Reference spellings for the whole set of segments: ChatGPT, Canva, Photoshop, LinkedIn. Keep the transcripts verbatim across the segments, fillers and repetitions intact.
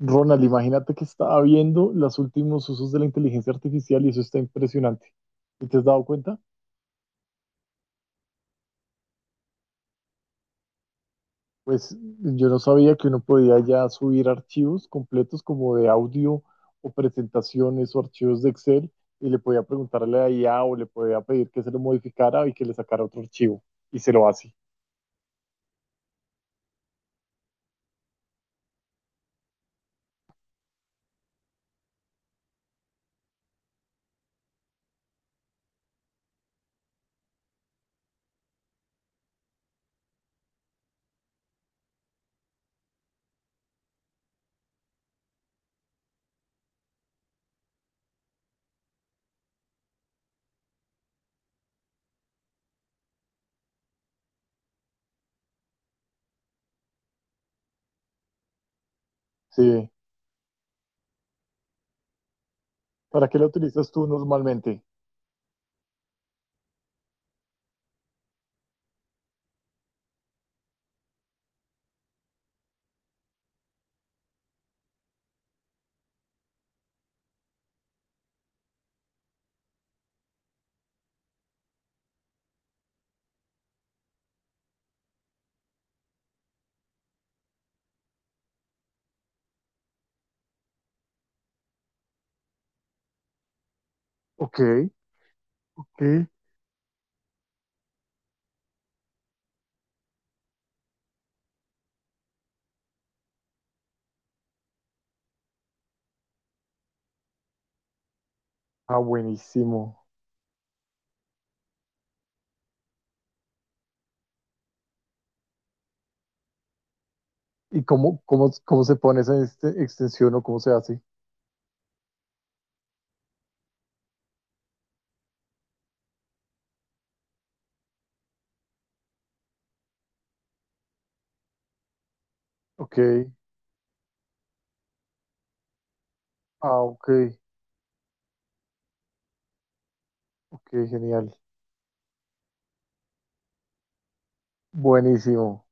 Ronald, imagínate que estaba viendo los últimos usos de la inteligencia artificial y eso está impresionante. ¿Y te has dado cuenta? Pues yo no sabía que uno podía ya subir archivos completos como de audio o presentaciones o archivos de Excel y le podía preguntarle a I A o le podía pedir que se lo modificara y que le sacara otro archivo y se lo hace. Sí. ¿Para qué lo utilizas tú normalmente? Ok, ok. Ah, buenísimo. ¿Y cómo, cómo, cómo se pone esa este- extensión o cómo se hace? Ok. Ah, ok, ok, genial. Buenísimo.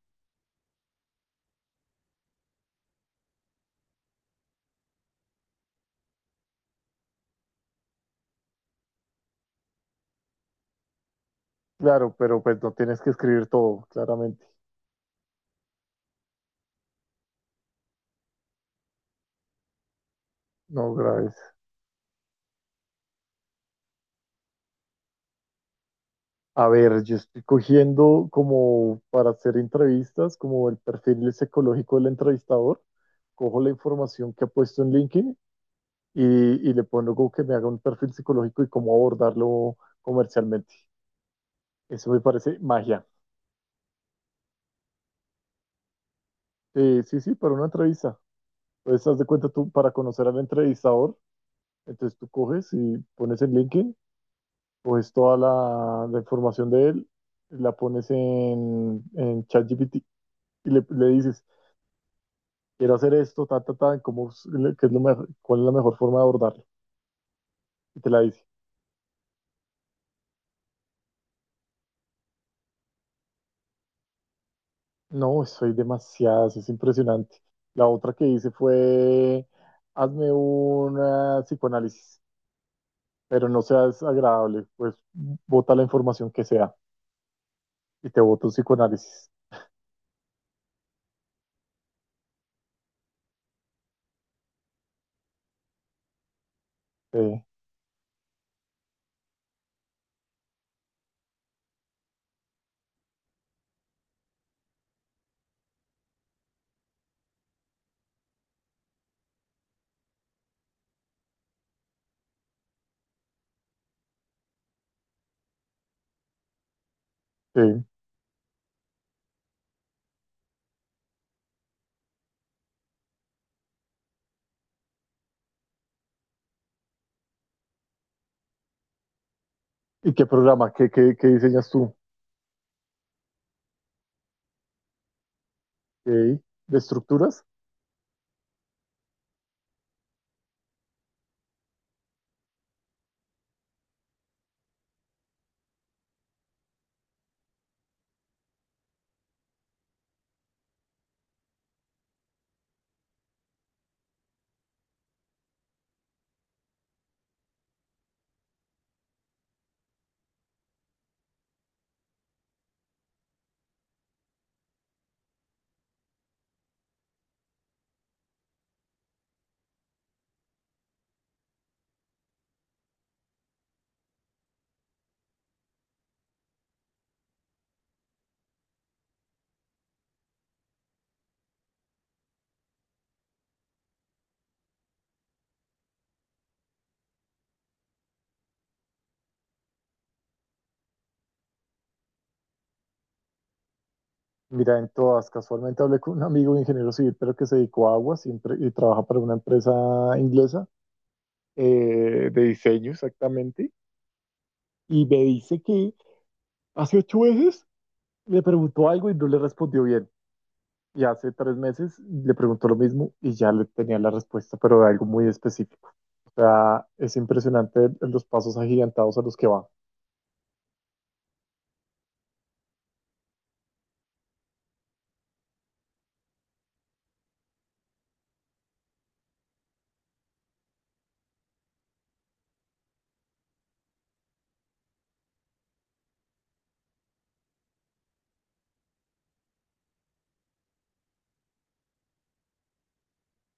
Claro, pero pues no tienes que escribir todo, claramente. No grabes. A ver, yo estoy cogiendo como para hacer entrevistas, como el perfil psicológico del entrevistador. Cojo la información que ha puesto en LinkedIn y, y le pongo como que me haga un perfil psicológico y cómo abordarlo comercialmente. Eso me parece magia. Eh, sí, sí, para una entrevista. Entonces, haz de cuenta tú, para conocer al entrevistador, entonces tú coges y pones en LinkedIn, coges toda la, la información de él, la pones en, en ChatGPT y le, le dices, quiero hacer esto, ta, ta, ta, ¿cómo, es- le- qué es lo mejor- cuál es la mejor forma de abordarlo? Y te la dice. No, eso soy demasiadas, es impresionante. La otra que hice fue, hazme un psicoanálisis, pero no seas agradable, pues bota la información que sea y te boto un psicoanálisis. Sí, sí. ¿Y qué programa? ¿Qué, qué, qué diseñas tú? ¿Qué, ¿De estructuras? Mira, en todas, casualmente hablé con un amigo ingeniero civil, pero que se dedicó a aguas y, empre- y trabaja para una empresa inglesa, eh, de diseño exactamente, y me dice que hace ocho meses le preguntó algo y no le respondió bien, y hace tres meses le preguntó lo mismo y ya le tenía la respuesta, pero de algo muy específico. O sea, es impresionante los pasos agigantados a los que va.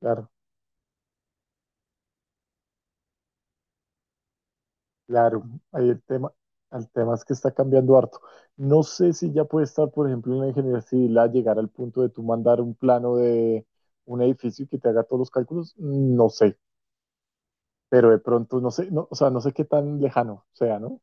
Claro. Claro, ahí el tema, el tema es que está cambiando harto. No sé si ya puede estar, por ejemplo, en la ingeniería civil a llegar al punto de tú mandar un plano de un edificio y que te haga todos los cálculos. No sé, pero de pronto no sé, no, o sea, no sé qué tan lejano sea, ¿no?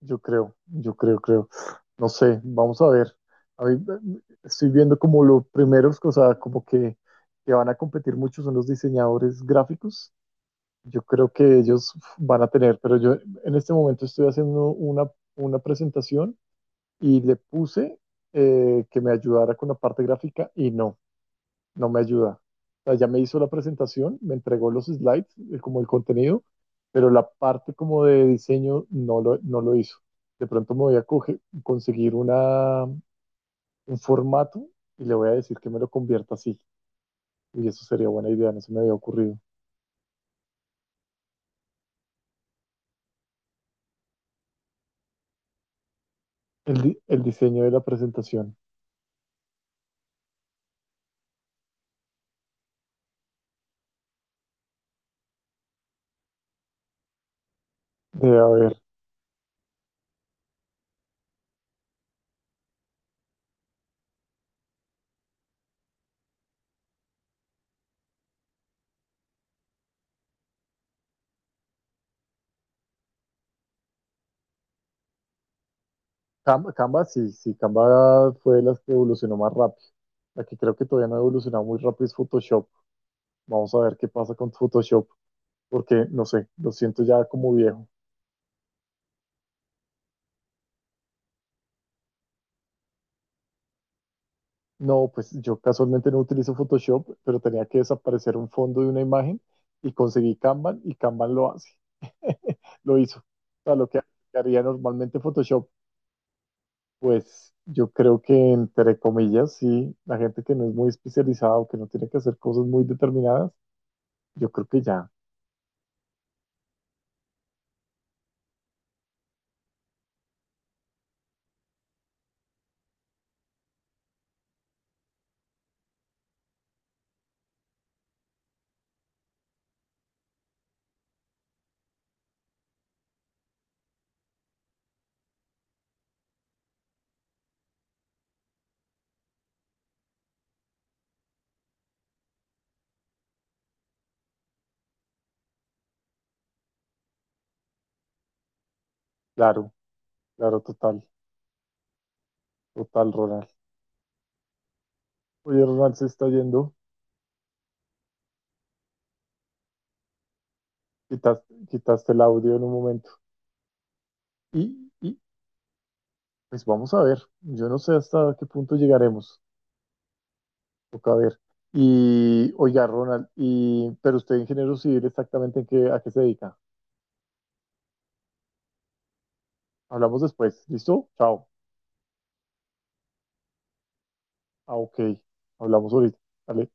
Yo creo, yo creo, creo. No sé, vamos a ver. A mí, eh, estoy viendo como los primeros, o sea, como que, que van a competir mucho son los diseñadores gráficos. Yo creo que ellos van a tener, pero yo en este momento estoy haciendo una, una presentación y le puse eh, que me ayudara con la parte gráfica y no, no me ayuda. O sea, ya me hizo la presentación, me entregó los slides, eh, como el contenido, pero la parte como de diseño no lo, no lo hizo. De pronto me voy a coge- conseguir una, un formato y le voy a decir que me lo convierta así. Y eso sería buena idea, no se me había ocurrido. El, di- el diseño de la presentación. Debe haber. Canva, Canva, sí, sí, Canva fue la que evolucionó más rápido. La que creo que todavía no ha evolucionado muy rápido es Photoshop. Vamos a ver qué pasa con Photoshop, porque no sé, lo siento ya como viejo. No, pues yo casualmente no utilizo Photoshop, pero tenía que desaparecer un fondo de una imagen y conseguí Canva y Canva lo hace. Lo hizo. O sea, lo que haría normalmente Photoshop, pues yo creo que entre comillas, sí, la gente que no es muy especializada o que no tiene que hacer cosas muy determinadas, yo creo que ya. Claro, claro, total, total, Ronald. Oye, Ronald se está yendo, quitas- quitaste el audio en un momento. Y, y, pues vamos a ver, yo no sé hasta qué punto llegaremos, toca ver. Y oiga, Ronald, y, pero usted ingeniero civil exactamente en qué, a qué se dedica. Hablamos después, ¿listo? Chao. Ah, ok, hablamos ahorita. Vale.